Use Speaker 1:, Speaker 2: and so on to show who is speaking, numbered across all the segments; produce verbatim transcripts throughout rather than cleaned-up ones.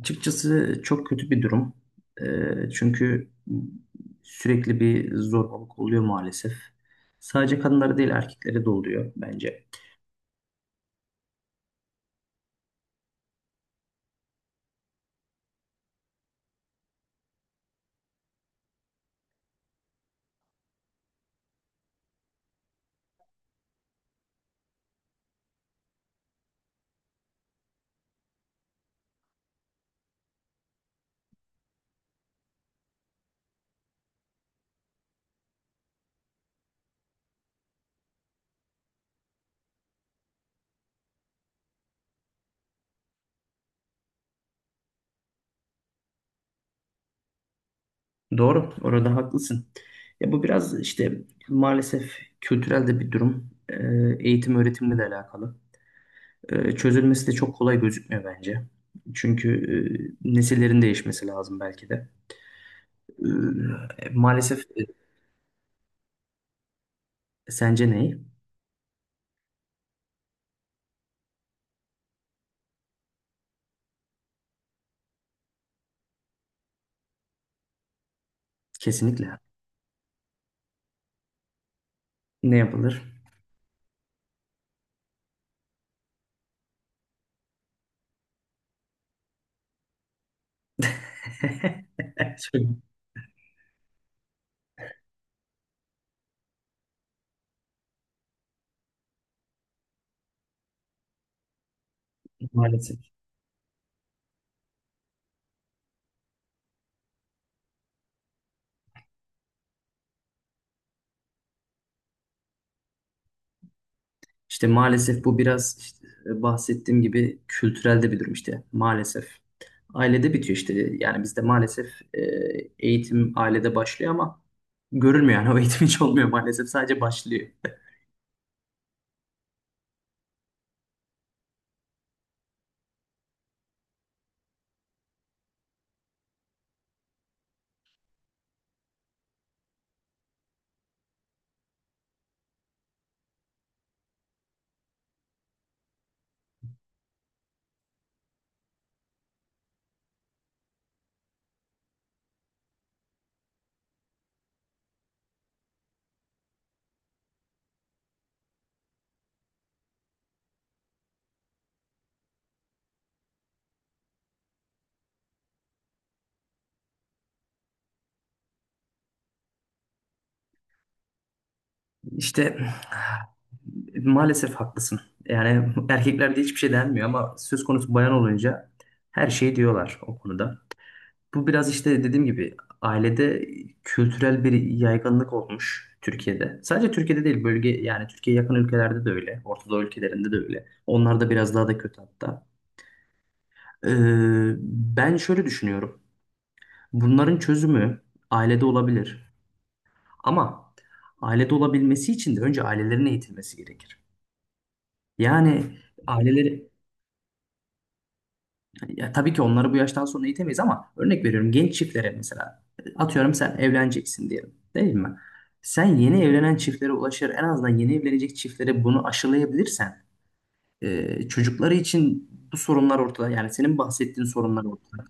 Speaker 1: Açıkçası çok kötü bir durum. Ee, çünkü sürekli bir zorbalık oluyor maalesef. Sadece kadınlara değil erkeklere de oluyor bence. Doğru, orada haklısın. Ya bu biraz işte maalesef kültürel de bir durum. Ee, eğitim öğretimle de alakalı. Ee, çözülmesi de çok kolay gözükmüyor bence. Çünkü e, nesillerin değişmesi lazım belki de. Ee, maalesef e, sence ne? Kesinlikle. Ne yapılır? Maalesef. İşte maalesef bu biraz işte bahsettiğim gibi kültürelde bir durum işte maalesef. Ailede bitiyor işte, yani bizde maalesef e, eğitim ailede başlıyor ama görülmüyor, yani o eğitim hiç olmuyor maalesef, sadece başlıyor. İşte maalesef haklısın. Yani erkeklerde hiçbir şey denmiyor ama söz konusu bayan olunca her şeyi diyorlar o konuda. Bu biraz işte dediğim gibi ailede kültürel bir yaygınlık olmuş Türkiye'de. Sadece Türkiye'de değil bölge, yani Türkiye'ye yakın ülkelerde de öyle. Orta Doğu ülkelerinde de öyle. Onlar da biraz daha da kötü hatta. Ee, Ben şöyle düşünüyorum. Bunların çözümü ailede olabilir. Ama ailede olabilmesi için de önce ailelerin eğitilmesi gerekir. Yani aileleri. Ya tabii ki onları bu yaştan sonra eğitemeyiz ama örnek veriyorum, genç çiftlere mesela, atıyorum sen evleneceksin diyelim değil mi? Sen yeni evlenen çiftlere ulaşır, en azından yeni evlenecek çiftlere bunu aşılayabilirsen e, çocukları için bu sorunlar ortada, yani senin bahsettiğin sorunlar ortada.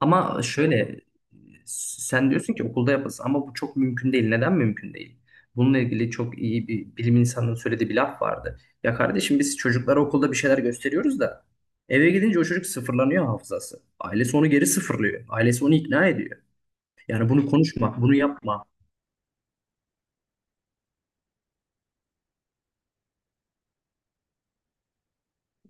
Speaker 1: Ama şöyle, sen diyorsun ki okulda yapılsın ama bu çok mümkün değil. Neden mümkün değil? Bununla ilgili çok iyi bir bilim insanının söylediği bir laf vardı. Ya kardeşim, biz çocuklara okulda bir şeyler gösteriyoruz da eve gidince o çocuk sıfırlanıyor hafızası. Ailesi onu geri sıfırlıyor. Ailesi onu ikna ediyor. Yani bunu konuşma, bunu yapma.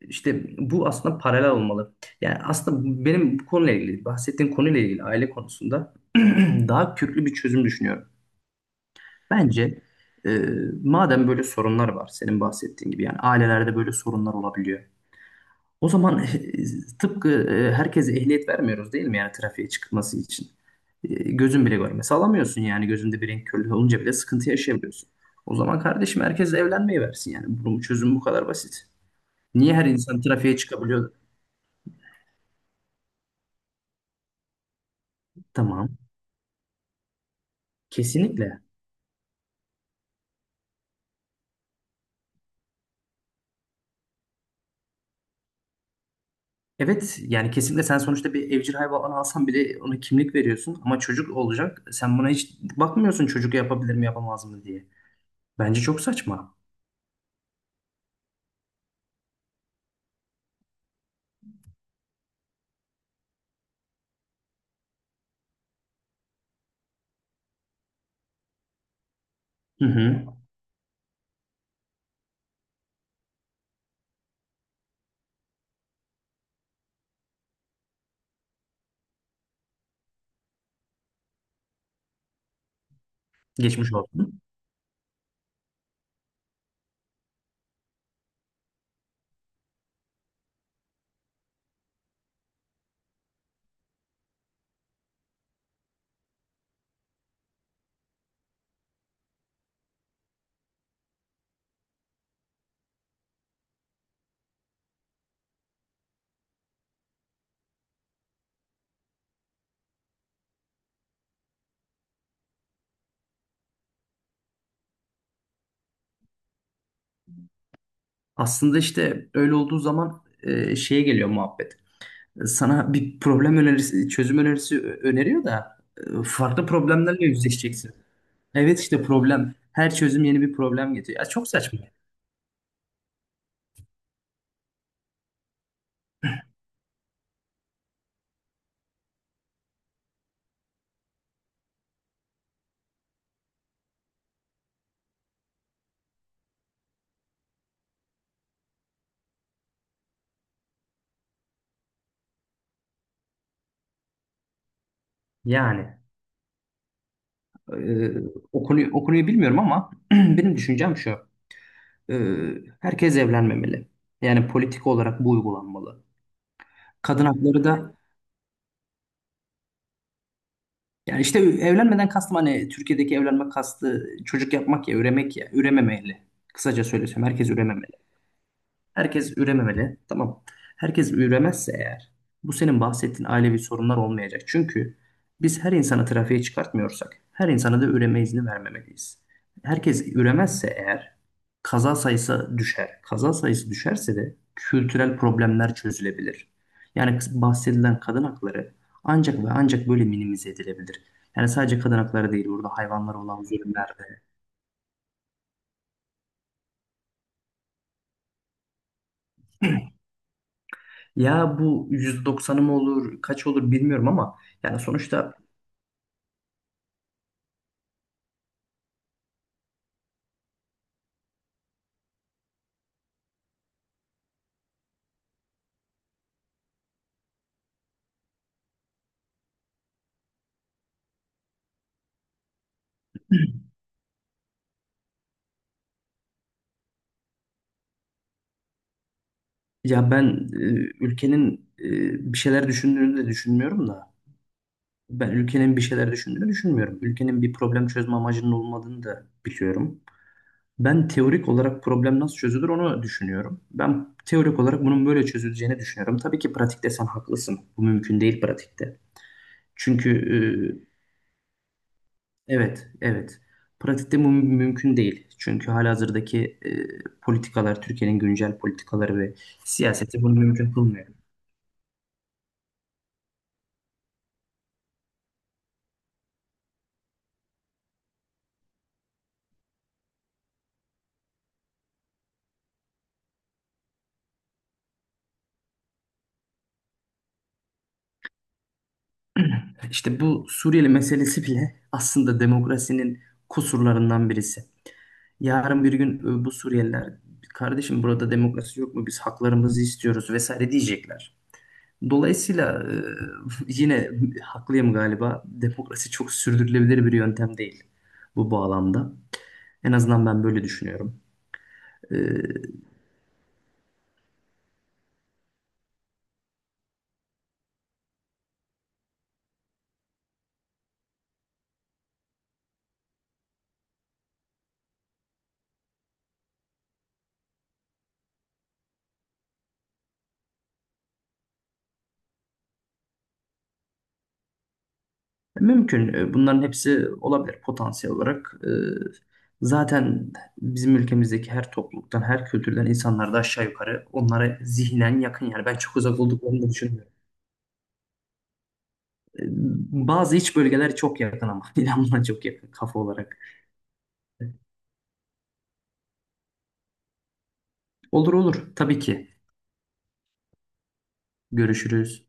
Speaker 1: İşte bu aslında paralel olmalı. Yani aslında benim bu konuyla ilgili, bahsettiğim konuyla ilgili aile konusunda daha köklü bir çözüm düşünüyorum. Bence e, madem böyle sorunlar var senin bahsettiğin gibi, yani ailelerde böyle sorunlar olabiliyor. O zaman tıpkı e, herkese ehliyet vermiyoruz değil mi, yani trafiğe çıkması için. E, gözün bile görmesi alamıyorsun, yani gözünde bir renk körlüğü olunca bile sıkıntı yaşayabiliyorsun. O zaman kardeşim herkes evlenmeyi versin, yani bunun çözümü bu kadar basit. Niye her insan trafiğe çıkabiliyor? Tamam, kesinlikle. Evet yani kesinlikle, sen sonuçta bir evcil hayvan alsan bile ona kimlik veriyorsun ama çocuk olacak. Sen buna hiç bakmıyorsun çocuk yapabilir mi yapamaz mı diye. Bence çok saçma. Hı hı. Geçmiş olsun. Aslında işte öyle olduğu zaman e, şeye geliyor muhabbet. Sana bir problem önerisi, çözüm önerisi ö- öneriyor da e, farklı problemlerle yüzleşeceksin. Evet işte problem. Her çözüm yeni bir problem getiriyor. Ya çok saçma. Yani e, o konuyu, o konuyu bilmiyorum ama benim düşüncem şu. e, Herkes evlenmemeli. Yani politik olarak bu uygulanmalı. Kadın hakları da, yani işte evlenmeden kastım hani Türkiye'deki evlenme kastı çocuk yapmak ya üremek, ya ürememeli. Kısaca söylesem herkes ürememeli. Herkes ürememeli. Tamam. Herkes üremezse eğer bu senin bahsettiğin ailevi sorunlar olmayacak. Çünkü biz her insanı trafiğe çıkartmıyorsak her insana da üreme izni vermemeliyiz. Herkes üremezse eğer kaza sayısı düşer. Kaza sayısı düşerse de kültürel problemler çözülebilir. Yani kız- bahsedilen kadın hakları ancak ve ancak böyle minimize edilebilir. Yani sadece kadın hakları değil, burada hayvanlara olan zulümler de. Ya bu yüz doksanı mı olur kaç olur bilmiyorum ama yani sonuçta. Ya ben e, ülkenin e, bir şeyler düşündüğünü de düşünmüyorum da ben ülkenin bir şeyler düşündüğünü düşünmüyorum. Ülkenin bir problem çözme amacının olmadığını da biliyorum. Ben teorik olarak problem nasıl çözülür onu düşünüyorum. Ben teorik olarak bunun böyle çözüleceğini düşünüyorum. Tabii ki pratikte sen haklısın. Bu mümkün değil pratikte. Çünkü e, evet, evet. Pratikte bu mü- mümkün değil. Çünkü halihazırdaki e, politikalar, Türkiye'nin güncel politikaları ve siyaseti bunu mümkün kılmıyor. İşte bu Suriyeli meselesi bile aslında demokrasinin kusurlarından birisi. Yarın bir gün e, bu Suriyeliler kardeşim burada demokrasi yok mu, biz haklarımızı istiyoruz vesaire diyecekler. Dolayısıyla e, yine haklıyım galiba, demokrasi çok sürdürülebilir bir yöntem değil bu bağlamda. En azından ben böyle düşünüyorum. E, Mümkün. E, Bunların hepsi olabilir potansiyel olarak. E, Zaten bizim ülkemizdeki her topluluktan, her kültürden insanlar da aşağı yukarı onlara zihnen yakın. Yani ben çok uzak olduklarını da düşünmüyorum. E, Bazı iç bölgeler çok yakın ama İnan buna çok yakın kafa olarak. Olur olur, tabii ki. Görüşürüz.